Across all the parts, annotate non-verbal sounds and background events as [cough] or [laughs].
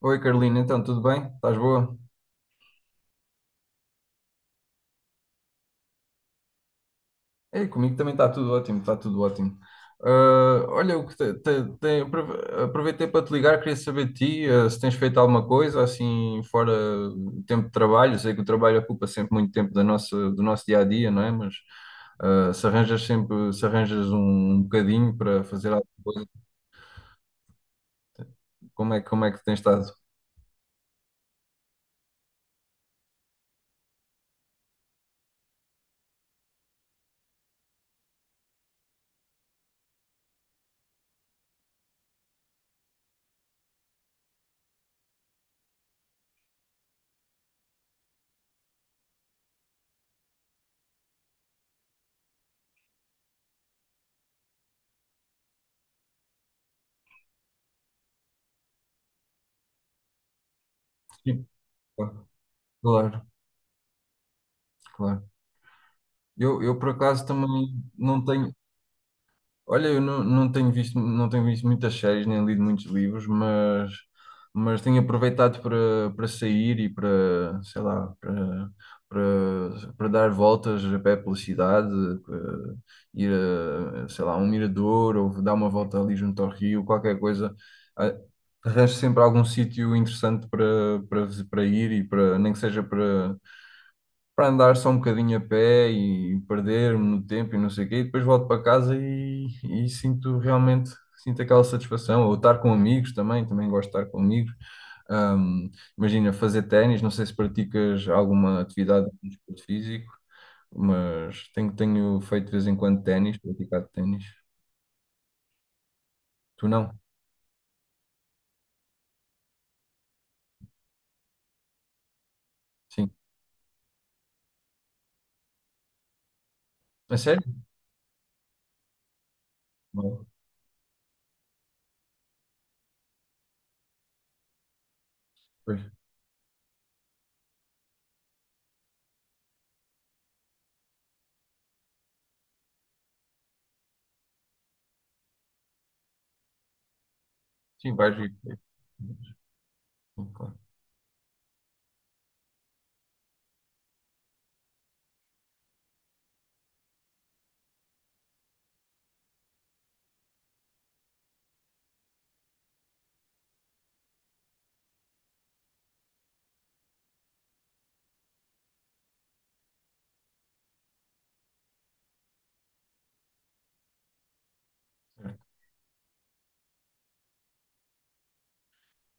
Oi Carolina, então tudo bem? Estás boa? É, comigo também está tudo ótimo, está tudo ótimo. Ah, olha, o que te- te- aprove- aproveitei para te ligar, queria saber de ti, se tens feito alguma coisa assim fora o tempo de trabalho. Sei que o trabalho ocupa sempre muito tempo da do nosso dia a dia, não é? Mas se arranjas sempre, se arranjas um bocadinho para fazer alguma coisa, como é que tens estado? Sim, claro, claro. Claro. Eu por acaso também não tenho. Olha, eu não, não tenho visto, não tenho visto muitas séries, nem lido muitos livros, mas tenho aproveitado para sair e para, sei lá, para, para dar voltas a pé pela cidade, ir a, sei lá, um mirador ou dar uma volta ali junto ao rio, qualquer coisa. Ah, Arranjo sempre algum sítio interessante para ir e para, nem que seja para andar só um bocadinho a pé e perder-me no tempo e não sei o quê, e depois volto para casa e sinto realmente, sinto aquela satisfação, ou estar com amigos também, também gosto de estar com amigos. Ahm, imagina fazer ténis, não sei se praticas alguma atividade de desporto físico, mas tenho, tenho feito de vez em quando ténis, praticado ténis. Tu não? Sim. A sério? Bom. Pois, sim, vais ir. Sim, claro.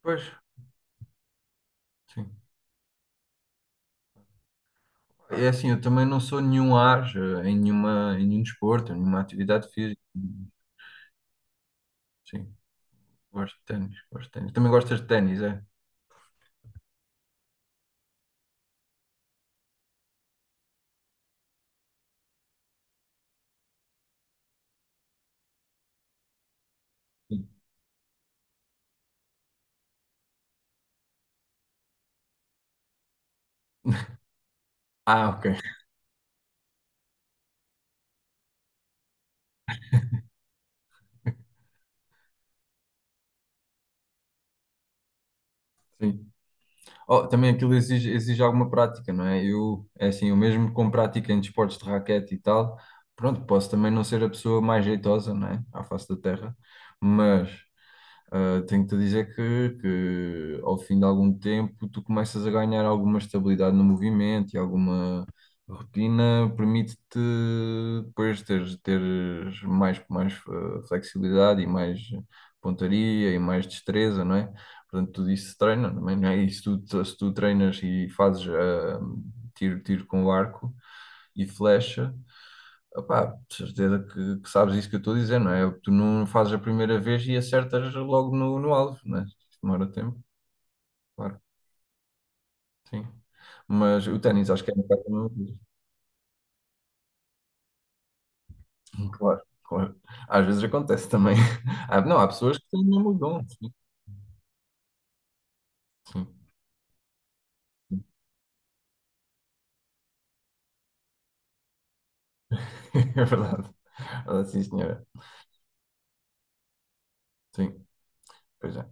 Pois, sim. É assim, eu também não sou nenhum ágio em nenhuma, em nenhum desporto, em nenhuma atividade física. Sim, gosto de ténis, gosto de ténis. Também gostas de ténis, é? Sim. Ah, ok. Sim. Oh, também aquilo exige, exige alguma prática, não é? É assim, eu mesmo com prática em desportos de raquete e tal, pronto, posso também não ser a pessoa mais jeitosa, não é? À face da terra, mas tenho-te a dizer que ao fim de algum tempo tu começas a ganhar alguma estabilidade no movimento e alguma rotina permite-te depois teres mais flexibilidade e mais pontaria e mais destreza, não é? Portanto, tudo isso se treina, não é? Não é? E se tu treinas e fazes tiro com arco e flecha. Opá, de certeza que sabes isso que eu estou a dizer, não é? Tu não fazes a primeira vez e acertas logo no alvo, não é? Demora tempo, claro, sim. Mas o ténis acho que é um bocado a mesma coisa. Claro, claro. Às vezes acontece também. [laughs] Ah, não, há pessoas que têm mesmo o dom, sim, sim. [laughs] É verdade. Ah, sim, senhora. Sim, pois é.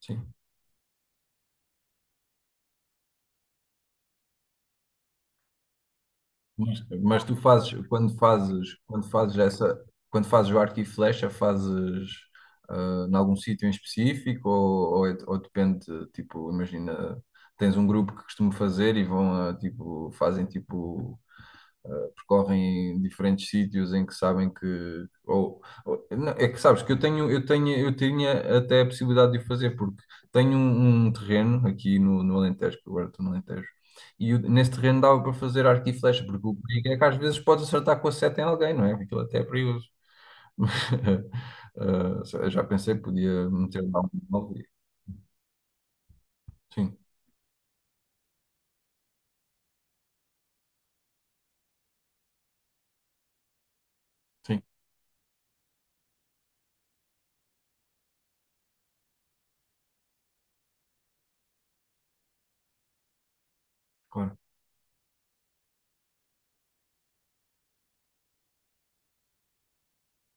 Sim. Mas tu fazes, quando fazes, quando fazes o arco e flecha, fazes em algum sítio em específico ou, ou depende, tipo, imagina, tens um grupo que costuma fazer e vão a, tipo, fazem tipo. Percorrem diferentes sítios em que sabem que ou- não, é que sabes que eu tinha até a possibilidade de o fazer porque tenho um terreno aqui no Alentejo, que agora estou no Alentejo. E o- nesse terreno dava para fazer arco e flecha, porque o perigo é que às vezes podes acertar com a seta em alguém, não é? Aquilo até é perigoso. [laughs] Ah, eu já pensei que podia meter lá um alvo. Sim, sim, claro,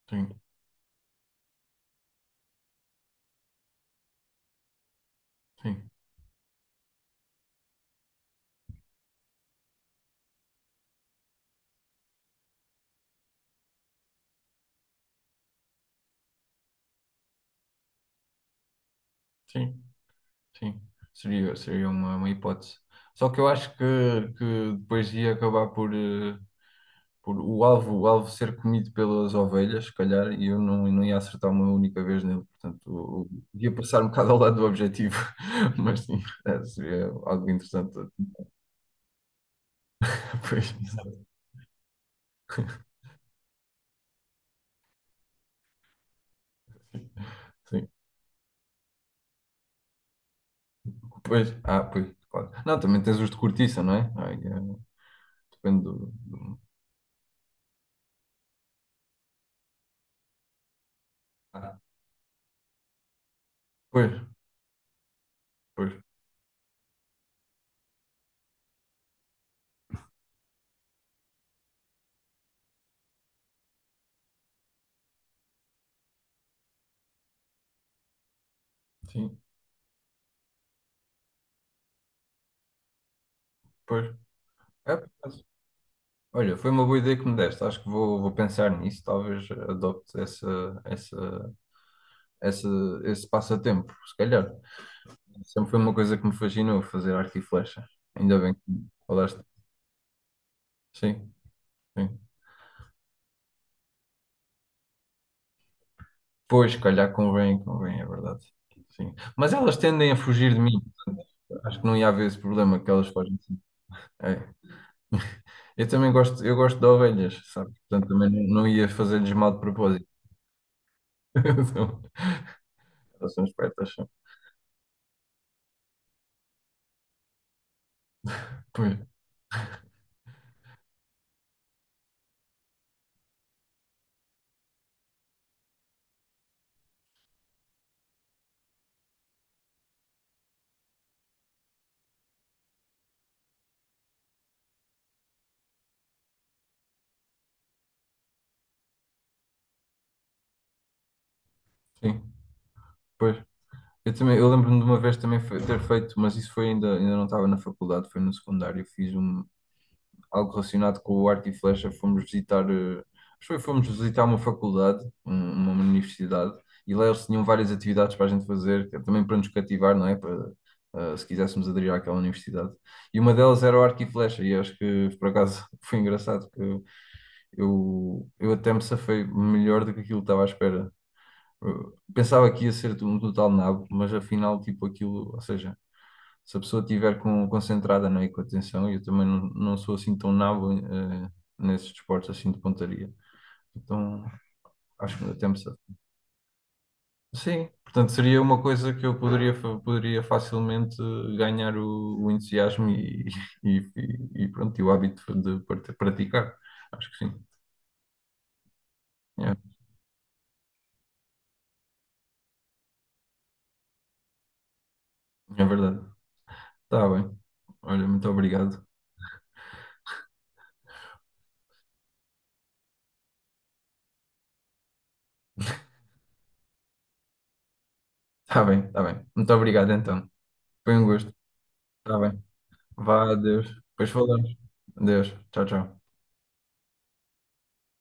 sim, sim, sim. Sim, seria, seria uma hipótese. Só que eu acho que depois ia acabar por, por o alvo ser comido pelas ovelhas, se calhar, e eu não, não ia acertar uma única vez nele. Portanto, eu ia passar um bocado ao lado do objetivo, [laughs] mas sim, seria algo interessante. [laughs] Pois, exato. Sim. Pois, ah, pois, claro. Não, também tens os de cortiça, não é? Ai, depende do, do- Ah, pois, pois, sim, pois. É. Olha, foi uma boa ideia que me deste. Acho que vou, vou pensar nisso. Talvez adopte essa, essa, essa, esse passatempo, se calhar. Sempre foi uma coisa que me fascinou, fazer arte e flecha. Ainda bem que falaste. Sim, sim. Pois, se calhar convém, convém, é verdade. Sim. Mas elas tendem a fugir de mim, portanto. Acho que não ia haver esse problema, que elas fogem. Assim. É. [laughs] Eu também gosto, eu gosto de ovelhas, sabe? Portanto, também não ia fazer-lhes mal de propósito. [laughs] Elas são espertas. São. Pois, sim, pois. Eu também, eu lembro-me de uma vez também ter feito, mas isso foi ainda, ainda não estava na faculdade, foi no secundário, fiz um, algo relacionado com o arco e flecha, fomos visitar, acho que foi- fomos visitar uma faculdade, um- uma universidade, e lá eles tinham várias atividades para a gente fazer, que é também para nos cativar, não é? Para, se quiséssemos aderir àquela universidade. E uma delas era o arco e flecha, e acho que por acaso [laughs] foi engraçado, porque eu até me safei melhor do que aquilo que estava à espera. Eh, Pensava que ia ser um total nabo, mas afinal, tipo, aquilo, ou seja, se a pessoa estiver com, concentrada, não é, e com atenção, eu também não sou assim tão nabo nesses desportos assim de pontaria. Então, acho que até me sa- Sim, portanto, seria uma coisa que eu poderia facilmente ganhar o entusiasmo e, [laughs] e pronto, e o hábito de praticar. Acho que sim, é, é verdade. Está bem. Olha, muito obrigado. Está bem, está bem. Muito obrigado, então. Foi um gosto. Tá bem. Vá, adeus. Depois falamos. Adeus. Tchau, tchau.